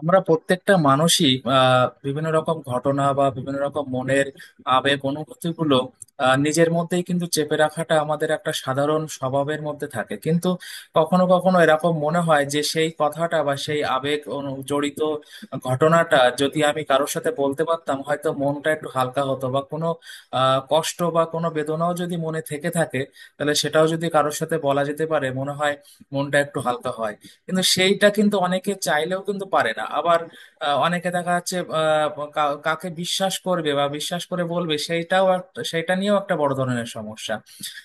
আমরা প্রত্যেকটা মানুষই বিভিন্ন রকম ঘটনা বা বিভিন্ন রকম মনের আবেগ অনুভূতিগুলো নিজের মধ্যেই কিন্তু চেপে রাখাটা আমাদের একটা সাধারণ স্বভাবের মধ্যে থাকে। কিন্তু কখনো কখনো এরকম মনে হয় যে সেই কথাটা বা সেই জড়িত ঘটনাটা যদি আমি কারোর সাথে বলতে পারতাম, হয়তো মনটা একটু হালকা হতো। বা কোনো কষ্ট বা কোনো বেদনাও যদি মনে থেকে থাকে, তাহলে সেটাও যদি কারোর সাথে বলা যেতে পারে, মনে হয় মনটা একটু হালকা হয়। কিন্তু সেইটা কিন্তু অনেকে চাইলেও কিন্তু পারে না। আবার অনেকে দেখা যাচ্ছে, কাকে বিশ্বাস করবে বা বিশ্বাস করে বলবে, সেইটা নিয়েও একটা বড় ধরনের সমস্যা।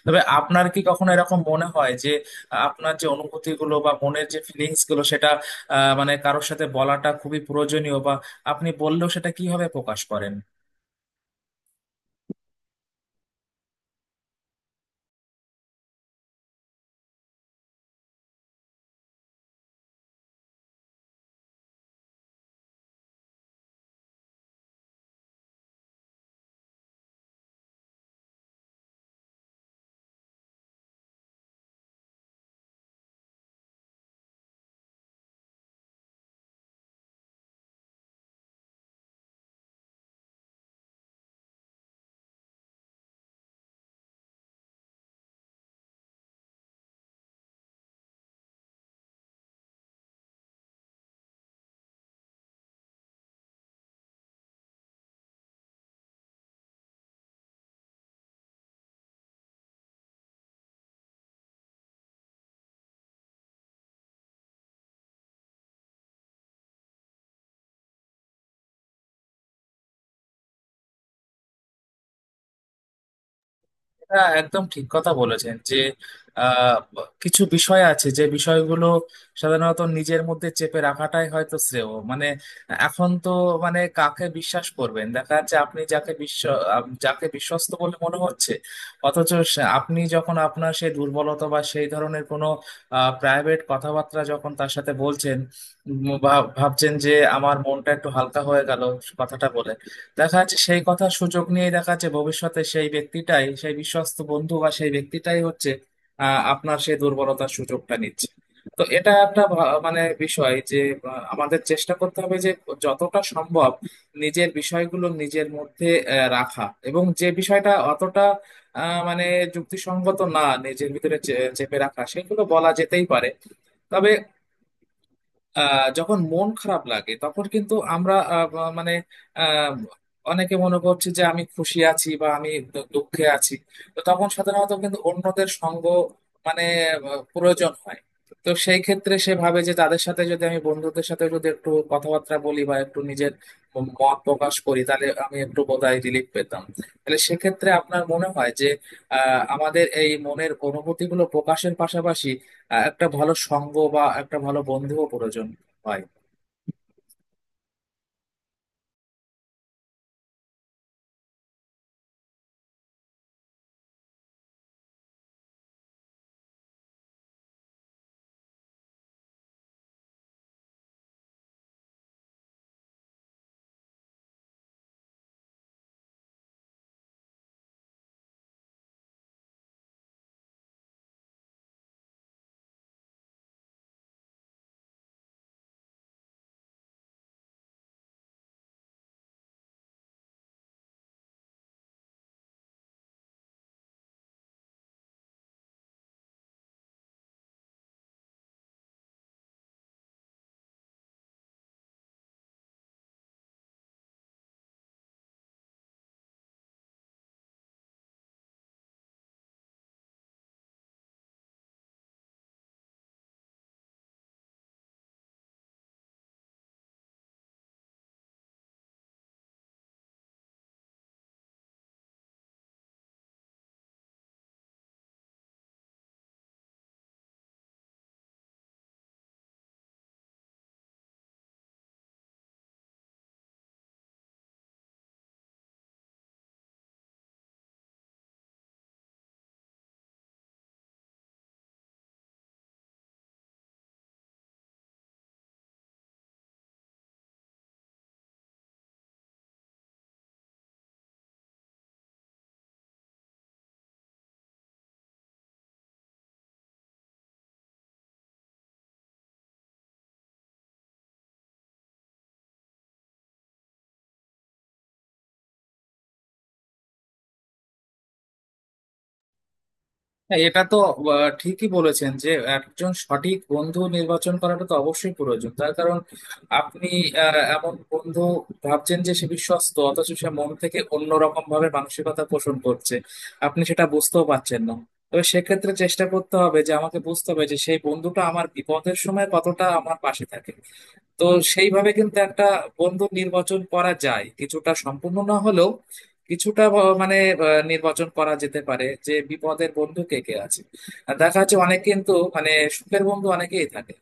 তবে আপনার কি কখনো এরকম মনে হয় যে আপনার যে অনুভূতিগুলো বা মনের যে ফিলিংস গুলো, সেটা মানে কারোর সাথে বলাটা খুবই প্রয়োজনীয়? বা আপনি বললেও সেটা কিভাবে প্রকাশ করেন? হ্যাঁ, একদম ঠিক কথা বলেছেন যে আহ, কিছু বিষয় আছে, যে বিষয়গুলো সাধারণত নিজের মধ্যে চেপে রাখাটাই হয়তো শ্রেয়। মানে এখন তো মানে কাকে বিশ্বাস করবেন? দেখা যাচ্ছে আপনি যাকে বিশ্বস্ত বলে মনে হচ্ছে, অথচ আপনি যখন আপনার সেই দুর্বলতা বা সেই ধরনের কোনো প্রাইভেট কথাবার্তা যখন তার সাথে বলছেন, বা ভাবছেন যে আমার মনটা একটু হালকা হয়ে গেল কথাটা বলে, দেখা যাচ্ছে সেই কথা সুযোগ নিয়ে দেখা যাচ্ছে ভবিষ্যতে সেই ব্যক্তিটাই, সেই বিশ্বস্ত বন্ধু বা সেই ব্যক্তিটাই হচ্ছে আপনার সেই দুর্বলতার সুযোগটা নিচ্ছে। তো এটা একটা মানে বিষয় যে আমাদের চেষ্টা করতে হবে যে যতটা সম্ভব নিজের বিষয়গুলো নিজের মধ্যে রাখা, এবং যে বিষয়টা অতটা মানে যুক্তিসঙ্গত না নিজের ভিতরে চেপে রাখা, সেগুলো বলা যেতেই পারে। তবে যখন মন খারাপ লাগে তখন কিন্তু আমরা মানে আহ, অনেকে মনে করছে যে আমি খুশি আছি বা আমি দুঃখে আছি। তো তখন সাধারণত কিন্তু অন্যদের সঙ্গ মানে প্রয়োজন হয়। তো সেই ক্ষেত্রে সে ভাবে যে তাদের সাথে যদি আমি, বন্ধুদের সাথে যদি একটু কথাবার্তা বলি বা একটু নিজের মত প্রকাশ করি, তাহলে আমি একটু বোধহয় রিলিফ পেতাম। তাহলে সেক্ষেত্রে আপনার মনে হয় যে আমাদের এই মনের অনুভূতিগুলো প্রকাশের পাশাপাশি একটা ভালো সঙ্গ বা একটা ভালো বন্ধুও প্রয়োজন হয়? হ্যাঁ, এটা তো ঠিকই বলেছেন যে একজন সঠিক বন্ধু নির্বাচন করাটা তো অবশ্যই প্রয়োজন। তার কারণ আপনি এমন বন্ধু ভাবছেন যে সে বিশ্বস্ত, অথচ সে মন থেকে অন্যরকম ভাবে মানসিকতা পোষণ করছে, আপনি সেটা বুঝতেও পারছেন না। তবে সেক্ষেত্রে চেষ্টা করতে হবে যে আমাকে বুঝতে হবে যে সেই বন্ধুটা আমার বিপদের সময় কতটা আমার পাশে থাকে। তো সেইভাবে কিন্তু একটা বন্ধু নির্বাচন করা যায়, কিছুটা সম্পূর্ণ না হলেও কিছুটা মানে নির্বাচন করা যেতে পারে যে বিপদের বন্ধু কে কে আছে। আর দেখা যাচ্ছে অনেক কিন্তু মানে সুখের বন্ধু অনেকেই থাকে,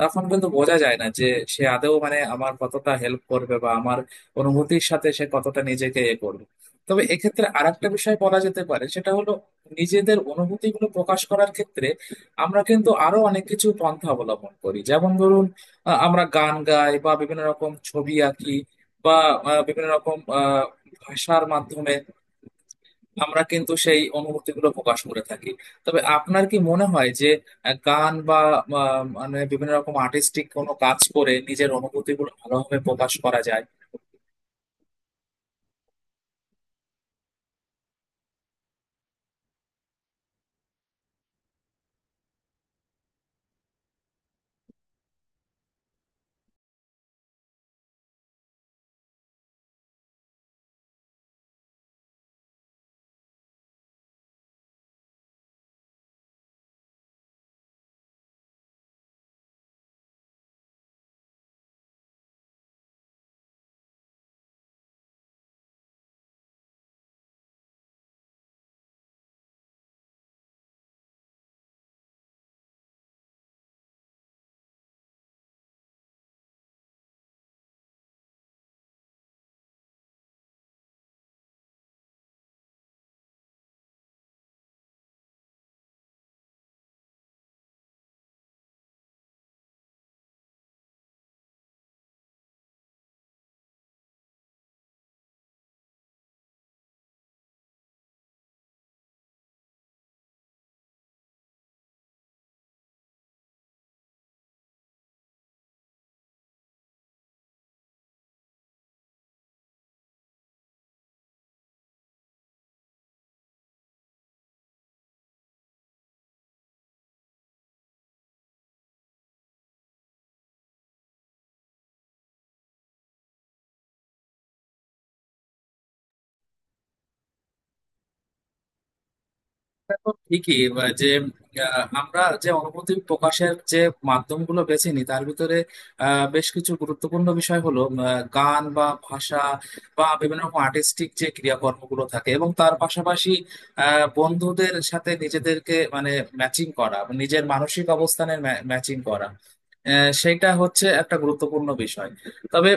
তখন কিন্তু বোঝা যায় না যে সে আদৌ মানে আমার কতটা হেল্প করবে বা আমার অনুভূতির সাথে সে কতটা নিজেকে এ করবে। তবে এক্ষেত্রে আরেকটা বিষয় বলা যেতে পারে, সেটা হলো নিজেদের অনুভূতিগুলো প্রকাশ করার ক্ষেত্রে আমরা কিন্তু আরো অনেক কিছু পন্থা অবলম্বন করি। যেমন ধরুন আমরা গান গাই বা বিভিন্ন রকম ছবি আঁকি, বা বিভিন্ন রকম ভাষার মাধ্যমে আমরা কিন্তু সেই অনুভূতিগুলো প্রকাশ করে থাকি। তবে আপনার কি মনে হয় যে গান বা মানে বিভিন্ন রকম আর্টিস্টিক কোনো কাজ করে নিজের অনুভূতিগুলো ভালোভাবে প্রকাশ করা যায়? এটা তো ঠিকই বা যে আমরা যে অনুভূতি প্রকাশের যে মাধ্যমগুলো বেছে নিই তার ভিতরে বেশ কিছু গুরুত্বপূর্ণ বিষয় হলো গান বা ভাষা বা বিভিন্ন রকম আর্টিস্টিক যে ক্রিয়াকর্মগুলো থাকে, এবং তার পাশাপাশি বন্ধুদের সাথে নিজেদেরকে মানে ম্যাচিং করা, নিজের মানসিক অবস্থানের ম্যাচিং করা, সেটা হচ্ছে একটা গুরুত্বপূর্ণ বিষয়। তবে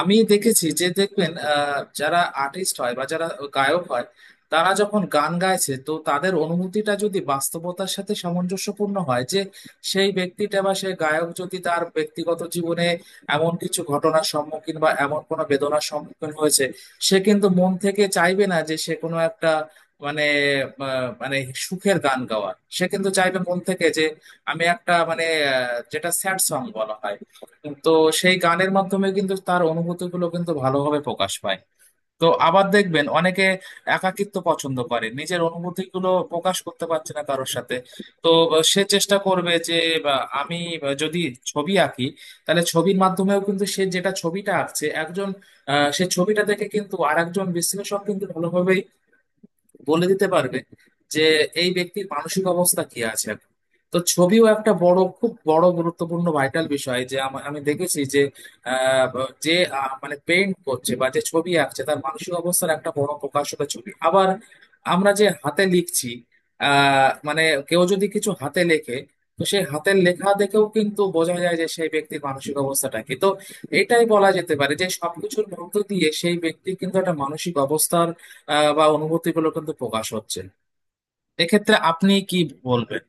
আমি দেখেছি যে দেখবেন যারা আর্টিস্ট হয় বা যারা গায়ক হয়, তারা যখন গান গাইছে, তো তাদের অনুভূতিটা যদি বাস্তবতার সাথে সামঞ্জস্যপূর্ণ হয় যে সেই ব্যক্তিটা বা সেই গায়ক যদি তার ব্যক্তিগত জীবনে এমন কিছু ঘটনার সম্মুখীন বা এমন কোনো বেদনার সম্মুখীন হয়েছে, সে কিন্তু মন থেকে চাইবে না যে সে কোনো একটা মানে মানে সুখের গান গাওয়ার। সে কিন্তু চাইবে মন থেকে যে আমি একটা মানে যেটা স্যাড সং বলা হয়। তো সেই গানের মাধ্যমে কিন্তু তার অনুভূতিগুলো কিন্তু ভালোভাবে প্রকাশ পায়। তো আবার দেখবেন অনেকে একাকিত্ব পছন্দ করে, নিজের অনুভূতিগুলো প্রকাশ করতে পারছে না কারোর সাথে। তো সে চেষ্টা করবে যে বা, আমি যদি ছবি আঁকি, তাহলে ছবির মাধ্যমেও কিন্তু সে যেটা ছবিটা আঁকছে একজন, সে ছবিটা দেখে কিন্তু আরেকজন বিশ্লেষক কিন্তু ভালোভাবেই বলে দিতে পারবে যে এই ব্যক্তির মানসিক অবস্থা কি আছে এখন। তো ছবিও একটা বড়, খুব বড় গুরুত্বপূর্ণ ভাইটাল বিষয় যে আমি দেখেছি যে যে মানে পেইন্ট করছে বা যে ছবি আঁকছে, তার মানসিক অবস্থার একটা বড় প্রকাশ হলো ছবি। আবার আমরা যে হাতে লিখছি, মানে কেউ যদি কিছু হাতে লেখে, তো সেই হাতের লেখা দেখেও কিন্তু বোঝা যায় যে সেই ব্যক্তির মানসিক অবস্থাটা কি। তো এটাই বলা যেতে পারে যে সবকিছুর মধ্য দিয়ে সেই ব্যক্তির কিন্তু একটা মানসিক অবস্থার বা অনুভূতিগুলো কিন্তু প্রকাশ হচ্ছে। এক্ষেত্রে আপনি কি বলবেন?